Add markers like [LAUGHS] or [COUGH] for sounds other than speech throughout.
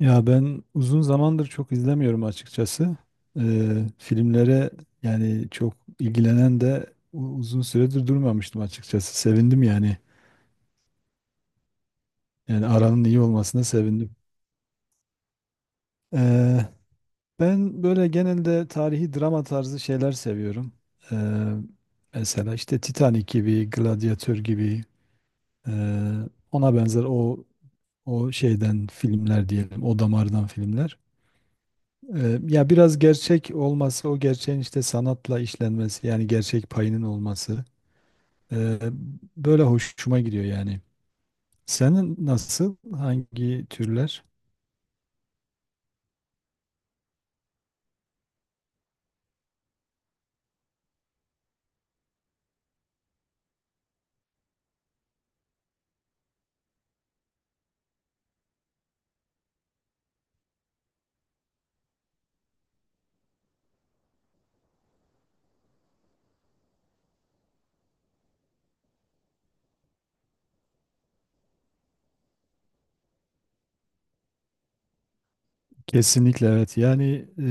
Ya ben uzun zamandır çok izlemiyorum açıkçası. Filmlere yani çok ilgilenen de uzun süredir durmamıştım açıkçası. Sevindim yani. Yani aranın iyi olmasına sevindim. Ee, Ben böyle genelde tarihi drama tarzı şeyler seviyorum. Ee, Mesela işte Titanic gibi, Gladiator gibi, ee, ona benzer o şeyden filmler diyelim, o damardan filmler. Ya biraz gerçek olması, o gerçeğin işte sanatla işlenmesi, yani gerçek payının olması ee, böyle hoşuma gidiyor yani. Senin nasıl, hangi türler? Kesinlikle evet. Yani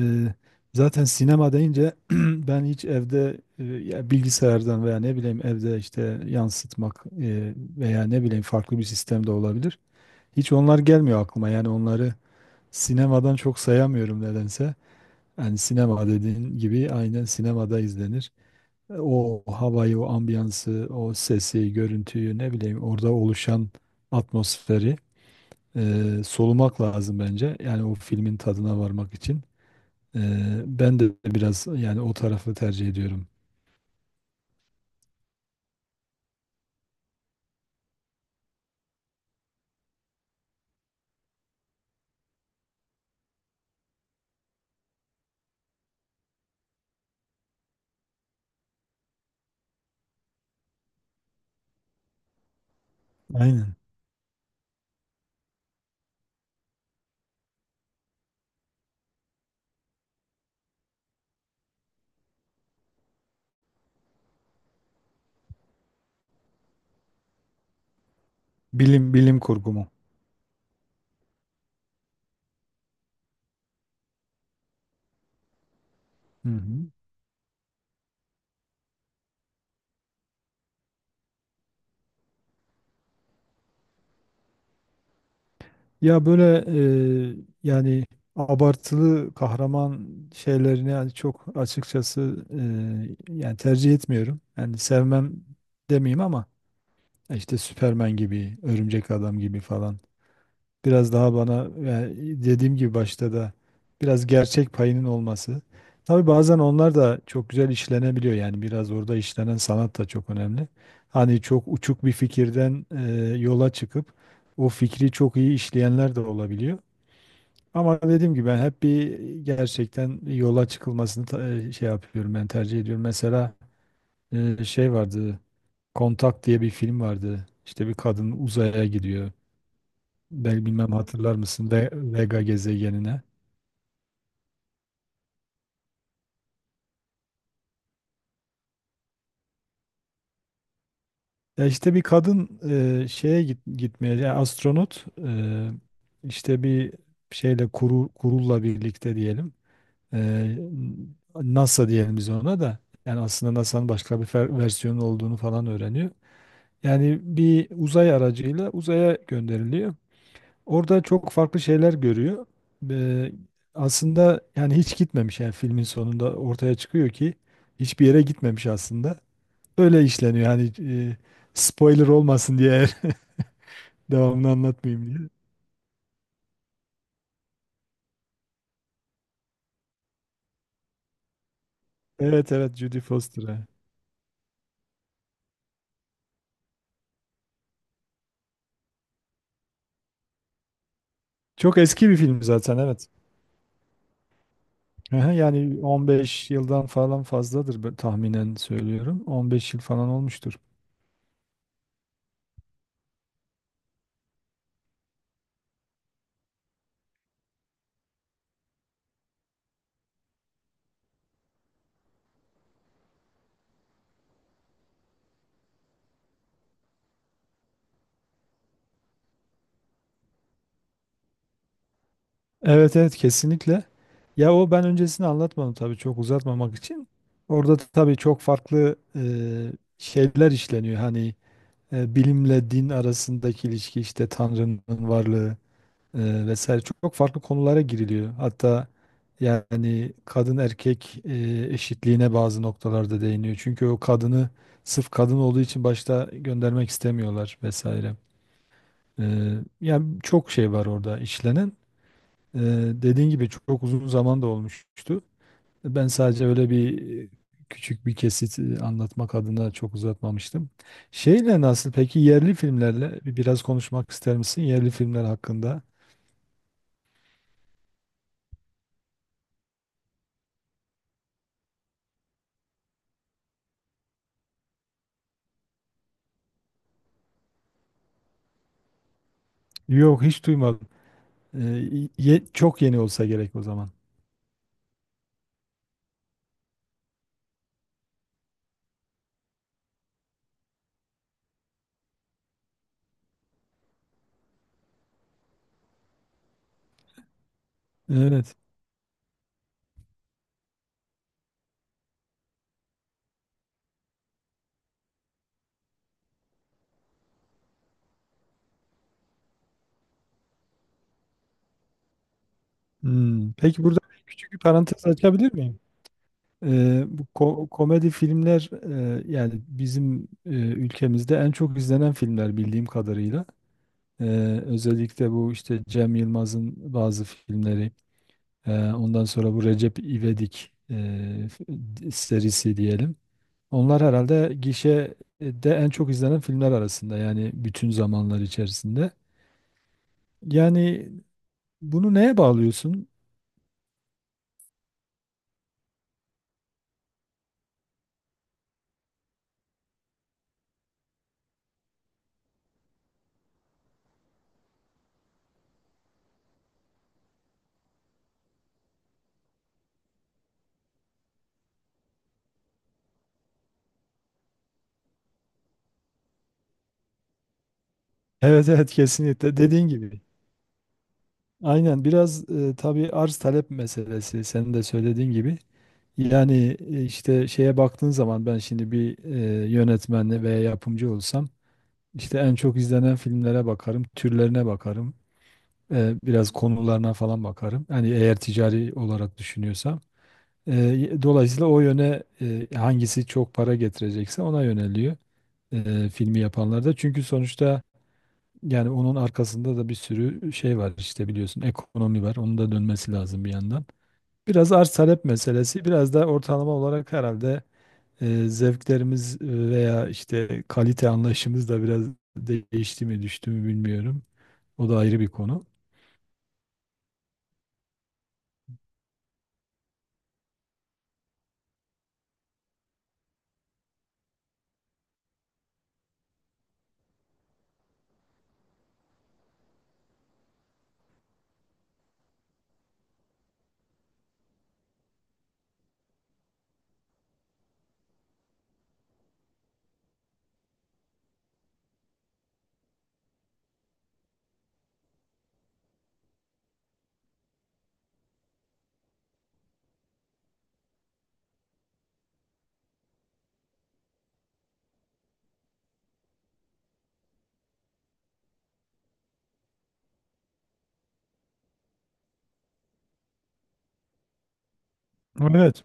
zaten sinema deyince [CLEARS THROAT] ben hiç evde ya bilgisayardan veya ne bileyim evde işte yansıtmak veya ne bileyim farklı bir sistemde olabilir. Hiç onlar gelmiyor aklıma. Yani onları sinemadan çok sayamıyorum nedense. Yani sinema dediğin gibi aynen sinemada izlenir. O havayı, o ambiyansı, o sesi, görüntüyü ne bileyim orada oluşan atmosferi solumak lazım bence. Yani o filmin tadına varmak için. E, Ben de biraz yani o tarafı tercih ediyorum. Aynen. Bilim kurgu mu? Hı hı. Ya böyle e, yani abartılı kahraman şeylerini yani çok açıkçası yani tercih etmiyorum. Yani sevmem demeyeyim ama işte Superman gibi, Örümcek Adam gibi falan. Biraz daha bana yani dediğim gibi başta da biraz gerçek payının olması. Tabii bazen onlar da çok güzel işlenebiliyor yani biraz orada işlenen sanat da çok önemli. Hani çok uçuk bir fikirden yola çıkıp o fikri çok iyi işleyenler de olabiliyor. Ama dediğim gibi ben hep bir gerçekten yola çıkılmasını şey yapıyorum ben tercih ediyorum. Mesela şey vardı, Kontak diye bir film vardı. İşte bir kadın uzaya gidiyor. Ben bilmem hatırlar mısın Vega gezegenine. Ya işte bir kadın şeye git, gitmeye yani astronot işte bir şeyle kurulla birlikte diyelim. E, NASA diyelim biz ona da. Yani aslında NASA'nın başka bir versiyonu olduğunu falan öğreniyor. Yani bir uzay aracıyla uzaya gönderiliyor. Orada çok farklı şeyler görüyor. Ee, Aslında yani hiç gitmemiş, yani filmin sonunda ortaya çıkıyor ki hiçbir yere gitmemiş aslında. Öyle işleniyor yani, spoiler olmasın diye [LAUGHS] devamını anlatmayayım diye. Evet, evet, Judy Foster'a. Çok eski bir film zaten, evet. Aha, yani 15 yıldan falan fazladır ben tahminen söylüyorum. 15 yıl falan olmuştur. Evet, evet, kesinlikle. Ya o ben öncesini anlatmadım tabii çok uzatmamak için. Orada tabii çok farklı şeyler işleniyor. Hani bilimle din arasındaki ilişki, işte Tanrı'nın varlığı vesaire, çok, çok farklı konulara giriliyor. Hatta yani kadın erkek eşitliğine bazı noktalarda değiniyor. Çünkü o kadını sırf kadın olduğu için başta göndermek istemiyorlar vesaire. E, Yani çok şey var orada işlenen. E, Dediğin gibi çok uzun zaman da olmuştu. Ben sadece öyle bir küçük bir kesit anlatmak adına çok uzatmamıştım. Şeyle nasıl peki yerli filmlerle biraz konuşmak ister misin yerli filmler hakkında? Yok, hiç duymadım. Ee, Çok yeni olsa gerek o zaman. Evet. Hmm. Peki burada küçük bir parantez açabilir miyim? Bu komedi filmler yani bizim ülkemizde en çok izlenen filmler bildiğim kadarıyla. Ee, Özellikle bu işte Cem Yılmaz'ın bazı filmleri. Ondan sonra bu Recep İvedik f- serisi diyelim. Onlar herhalde gişede en çok izlenen filmler arasında yani bütün zamanlar içerisinde. Yani bunu neye bağlıyorsun? Evet, evet, kesinlikle dediğin gibi. Aynen biraz tabii arz talep meselesi senin de söylediğin gibi. Yani işte şeye baktığın zaman ben şimdi bir yönetmen veya yapımcı olsam işte en çok izlenen filmlere bakarım, türlerine bakarım, biraz konularına falan bakarım. Yani eğer ticari olarak düşünüyorsam. Dolayısıyla o yöne hangisi çok para getirecekse ona yöneliyor filmi yapanlar da. Çünkü sonuçta yani onun arkasında da bir sürü şey var, işte biliyorsun ekonomi var. Onun da dönmesi lazım bir yandan. Biraz arz talep meselesi, biraz da ortalama olarak herhalde zevklerimiz veya işte kalite anlayışımız da biraz değişti mi düştü mü bilmiyorum. O da ayrı bir konu. Evet.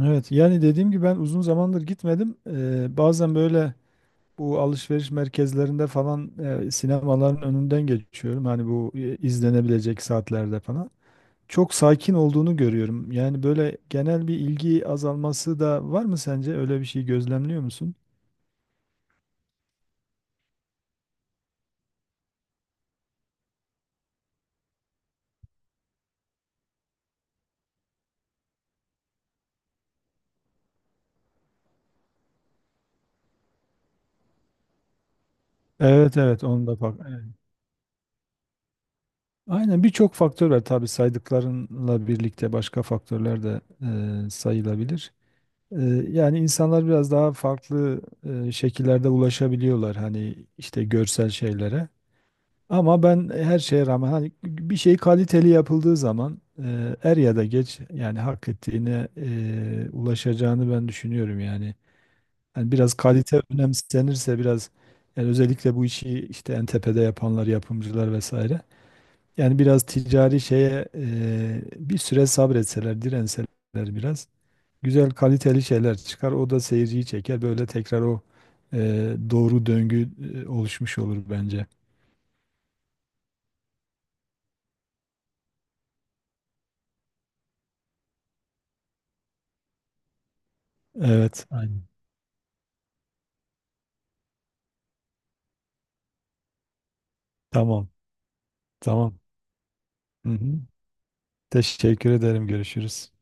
Evet, yani dediğim gibi ben uzun zamandır gitmedim. Bazen böyle bu alışveriş merkezlerinde falan sinemaların önünden geçiyorum. Hani bu izlenebilecek saatlerde falan. Çok sakin olduğunu görüyorum. Yani böyle genel bir ilgi azalması da var mı sence? Öyle bir şey gözlemliyor musun? Evet, evet, onu da bak. Evet. Aynen birçok faktör var tabii saydıklarınla birlikte başka faktörler de sayılabilir. Ee, Yani insanlar biraz daha farklı şekillerde ulaşabiliyorlar hani işte görsel şeylere. Ama ben her şeye rağmen hani bir şey kaliteli yapıldığı zaman er ya da geç yani hak ettiğine ulaşacağını ben düşünüyorum yani. Hani biraz kalite önemsenirse biraz yani özellikle bu işi işte en tepede yapanlar, yapımcılar vesaire. Yani biraz ticari şeye bir süre sabretseler, direnseler biraz güzel kaliteli şeyler çıkar. O da seyirciyi çeker. Böyle tekrar o e, doğru döngü oluşmuş olur bence. Evet. Aynen. Tamam. Tamam. Hı hı. Teşekkür ederim. Görüşürüz.